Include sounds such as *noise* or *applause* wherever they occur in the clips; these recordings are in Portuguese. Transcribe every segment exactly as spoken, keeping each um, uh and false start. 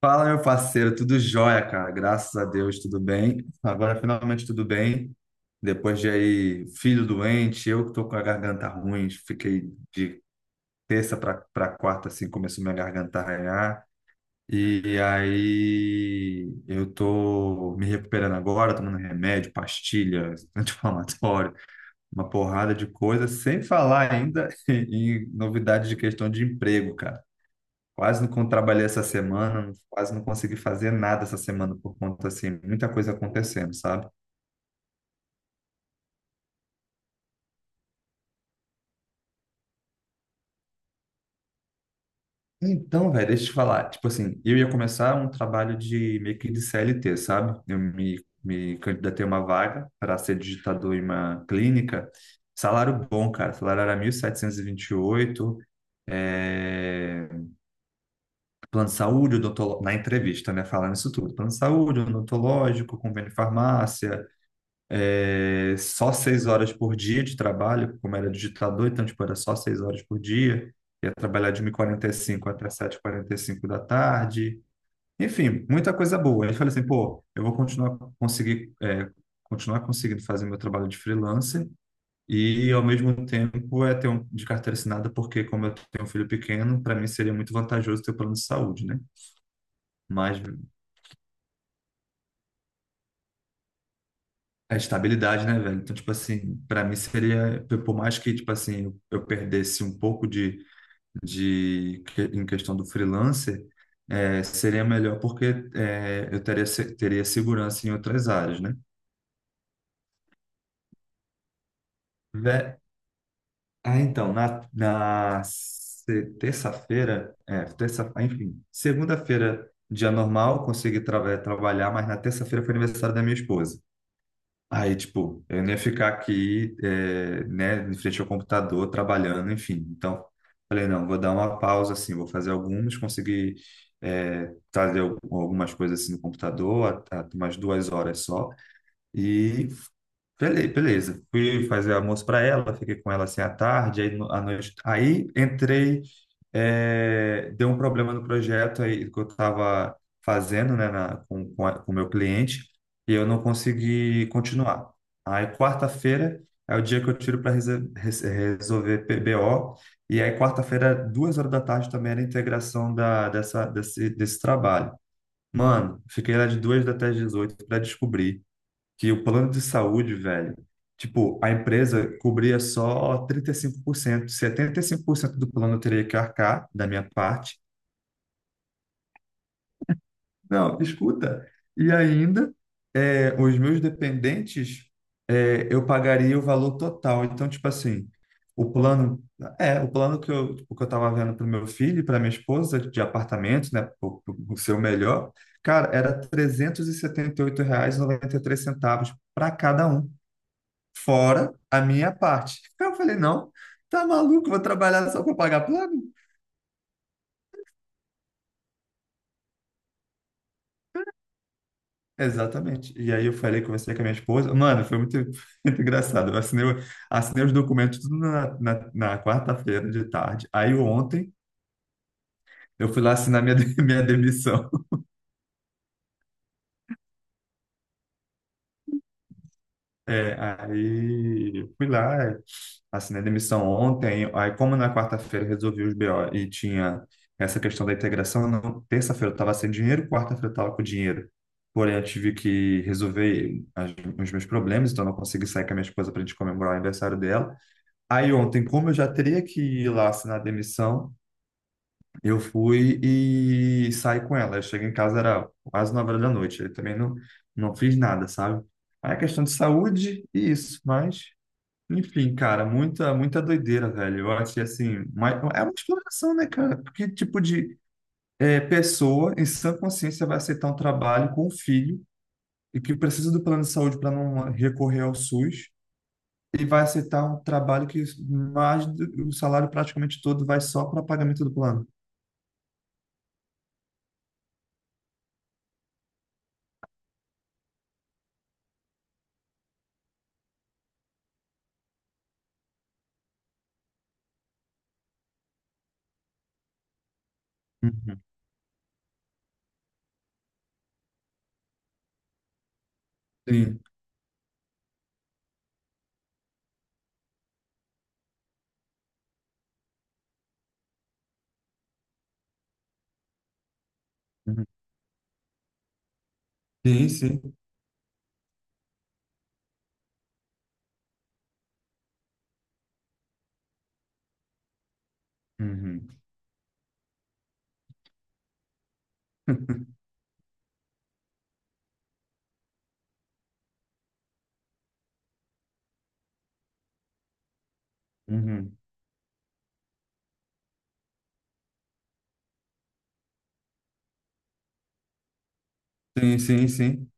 Fala, meu parceiro, tudo jóia, cara. Graças a Deus, tudo bem. Agora finalmente tudo bem. Depois de aí, filho doente, eu que tô com a garganta ruim, fiquei de terça para quarta, assim, começou minha garganta a arranhar. E aí eu tô me recuperando agora, tomando remédio, pastilha, *laughs* anti-inflamatório, uma porrada de coisa, sem falar ainda *laughs* em novidades de questão de emprego, cara. Quase não trabalhei essa semana, quase não consegui fazer nada essa semana por conta, assim, muita coisa acontecendo, sabe? Então, velho, deixa eu te falar. Tipo assim, eu ia começar um trabalho de meio que de C L T, sabe? Eu me, me candidatei a uma vaga para ser digitador em uma clínica. Salário bom, cara. Salário era mil setecentos e vinte e oito. É... Plano de saúde, odontológico, na entrevista, né? Falando isso tudo. Plano de saúde, odontológico, convênio de farmácia, é, só seis horas por dia de trabalho, como era digitador, então tipo, era só seis horas por dia, ia trabalhar de uma e quarenta e cinco até sete e quarenta e cinco da tarde, enfim, muita coisa boa. Aí eu falei assim, pô, eu vou continuar conseguir, é, continuar conseguindo fazer meu trabalho de freelancer e ao mesmo tempo é ter um de carteira assinada, porque como eu tenho um filho pequeno, para mim seria muito vantajoso ter o plano de saúde, né? Mas a estabilidade, né, velho? Então, tipo assim, para mim seria, por mais que, tipo assim, eu perdesse um pouco de de que- em questão do freelancer, é, seria melhor porque, é, eu teria se- teria segurança em outras áreas, né? Ve- Ah, então, na, na se- terça-feira, é, terça, ah, enfim, segunda-feira, dia normal, consegui tra- eh, trabalhar, mas na terça-feira foi aniversário da minha esposa. Aí, tipo, eu não ia ficar aqui, é, né, em frente ao computador, trabalhando, enfim. Então, falei, não, vou dar uma pausa, assim, vou fazer algumas, consegui, é, fazer al- algumas coisas, assim, no computador, a- a- umas duas horas só. Bele- Beleza. Fui fazer almoço para ela, fiquei com ela assim à tarde, aí no- à noite. Aí entrei, é, deu um problema no projeto aí que eu estava fazendo, né, na- com, com a- com o meu cliente, e eu não consegui continuar. Aí quarta-feira é o dia que eu tiro para resolver P B O, e aí quarta-feira, duas horas da tarde, também era a integração da, dessa, desse, desse trabalho. Mano, fiquei lá de duas até às dezoito para descobrir que o plano de saúde, velho, tipo, a empresa cobria só trinta e cinco por cento, setenta e cinco por cento do plano eu teria que arcar da minha parte. Não, escuta. E ainda, é, os meus dependentes, é, eu pagaria o valor total. Então, tipo assim, o plano, é, o plano que eu, tipo, que eu tava vendo para o meu filho e para minha esposa de apartamento, né, o, o seu melhor, cara, era trezentos e setenta e oito reais R$ centavos para cada um. Fora a minha parte. Aí eu falei, não, tá maluco, vou trabalhar só para pagar plano? Exatamente. E aí eu falei, conversei com a minha esposa. Mano, foi muito, *laughs* muito engraçado. Eu assinei, o- assinei os documentos tudo na, na, na quarta-feira de tarde. Aí ontem eu fui lá assinar minha, *laughs* minha demissão. É, aí fui lá, assinei demissão ontem, aí como na quarta-feira eu resolvi os B O e tinha essa questão da integração, não, terça-feira eu estava sem dinheiro, quarta-feira eu estava com dinheiro. Porém, eu tive que resolver as- os meus problemas, então eu não consegui sair com a minha esposa para a gente comemorar o aniversário dela. Aí ontem, como eu já teria que ir lá assinar a demissão, eu fui e saí com ela. Eu cheguei em casa, era quase nove horas da noite. Eu também não, não fiz nada, sabe? Aí é questão de saúde e isso, mas enfim, cara, muita, muita doideira, velho. Eu achei assim, uma- é uma exploração, né, cara? Porque tipo de é, pessoa em sã consciência vai aceitar um trabalho com um filho e que precisa do plano de saúde para não recorrer ao SUS e vai aceitar um trabalho que mais do- o salário praticamente todo vai só para pagamento do plano. Uhum. Sim, uhum. Sim, sim. Uhum. *laughs* Uhum. Sim, sim, sim.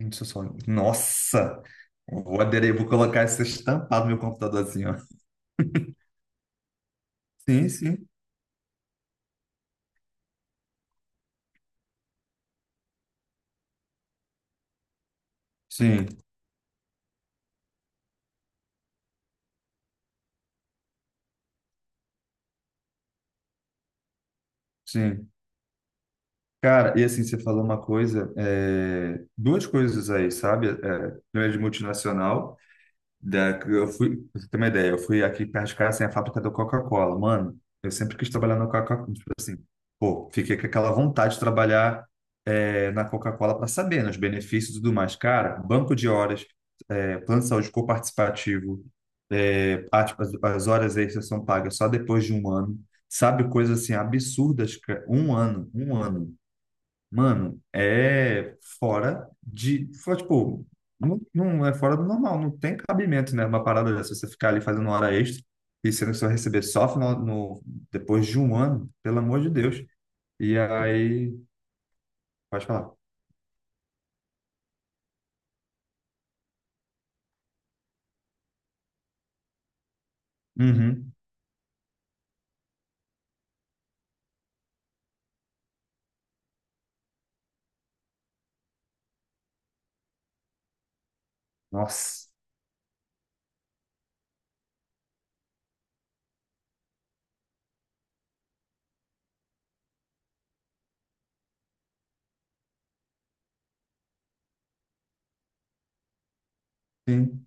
Deixa eu só- Nossa! Vou aderir, vou colocar isso estampado no meu computador. Sim, sim, sim, sim. Cara, e assim, você falou uma coisa, é, duas coisas aí, sabe? É, primeiro de multinacional, da, eu fui, pra você ter uma ideia, eu fui aqui perto de casa, assim, a fábrica da Coca-Cola. Mano, eu sempre quis trabalhar na Coca-Cola, tipo assim, pô, fiquei com aquela vontade de trabalhar, é, na Coca-Cola para saber, né, os benefícios e tudo mais. Cara, banco de horas, é, plano de saúde coparticipativo, é, ah, tipo, as, as horas extras são pagas só depois de um ano, sabe? Coisas assim absurdas, cara. Um ano, um ano, mano, é fora de, fora, tipo, não, não é fora do normal, não tem cabimento, né? Uma parada dessa, você ficar ali fazendo hora extra e sendo que você vai receber só final, no, depois de um ano, pelo amor de Deus. E aí, pode falar. Uhum. Nossa, sim.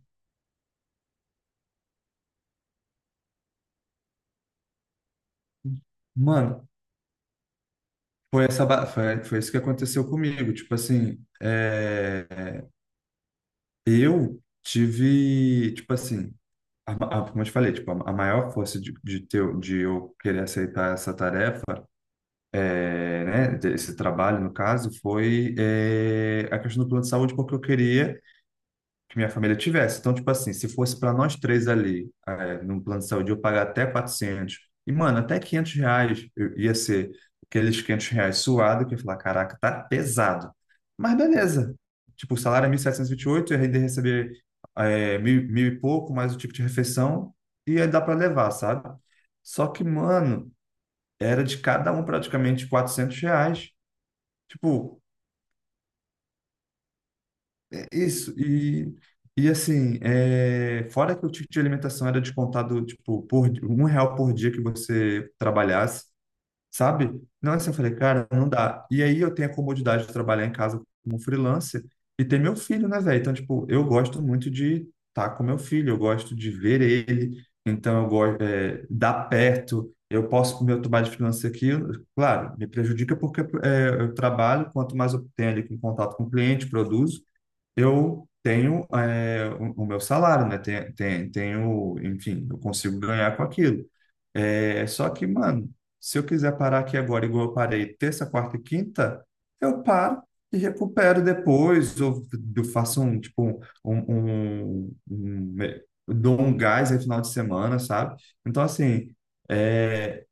Mano, Foi essa, ba- foi, foi isso que aconteceu comigo. Tipo assim, é, eu tive, tipo assim, a, a- como eu te falei, tipo, a, a maior força de, de, ter, de eu querer aceitar essa tarefa, é, né, esse trabalho, no caso, foi, é, a questão do plano de saúde, porque eu queria que minha família tivesse. Então, tipo assim, se fosse para nós três ali, é, no plano de saúde, eu pagar até quatrocentos e, mano, até quinhentos reais eu- ia ser aqueles quinhentos reais suado, que eu ia falar, caraca, tá pesado. Mas beleza. Tipo, o salário é mil setecentos e e vinte e oito, eu ainda ia receber, é, mil, mil e pouco, mais o tipo de refeição, e aí dá para levar, sabe? Só que, mano, era de cada um praticamente quatrocentos reais. Tipo, é isso, e, e, assim, é, fora que o ticket de alimentação era descontado, tipo, por di- um real por dia que você trabalhasse, sabe? Não, assim, eu falei, cara, não dá. E aí eu tenho a comodidade de trabalhar em casa como freelancer e ter meu filho, né, velho? Então, tipo, eu gosto muito de estar com meu filho, eu gosto de ver ele, então eu gosto, é, dar perto. Eu posso comer o meu trabalho de freelancer aqui, eu- claro, me prejudica porque, é, eu trabalho, quanto mais eu tenho ali com contato com o cliente, produzo, eu tenho, é, o, o meu salário, né? Tem- tem- Tenho, enfim, eu consigo ganhar com aquilo. É, só que, mano, se eu quiser parar aqui agora, igual eu parei terça, quarta e quinta, eu paro e recupero depois, ou eu faço um, tipo, um, um, um, um- dou um gás aí final de semana, sabe? Então, assim. eh,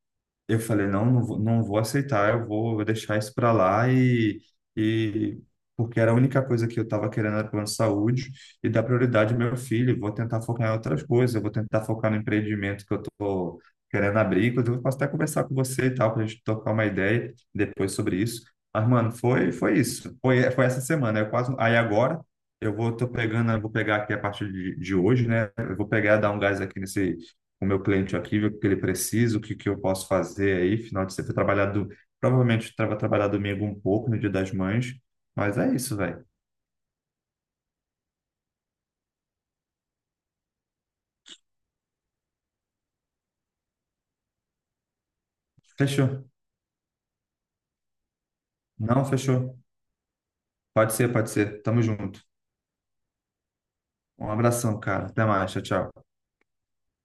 eu falei, não, não vou, não vou aceitar, eu vou deixar isso para lá, e, e porque era a única coisa que eu estava querendo era plano de saúde e dar prioridade ao meu filho, vou tentar focar em outras coisas, eu vou tentar focar no empreendimento que eu estou querendo abrir, inclusive eu posso até conversar com você e tal, para a gente tocar uma ideia depois sobre isso. Mas, mano, foi, foi isso, foi, foi essa semana, eu quase, aí agora eu vou, tô pegando, eu vou pegar aqui a partir de, de, hoje, né, eu vou pegar, dar um gás aqui nesse o meu cliente aqui, ver o que ele precisa, o que, que eu posso fazer aí, final de semana, trabalhado, provavelmente tra- vou trabalhar domingo um pouco, no Dia das Mães, mas é isso, velho. Fechou. Não, fechou. Pode ser, pode ser. Tamo junto. Um abração, cara. Até mais. Tchau, tchau.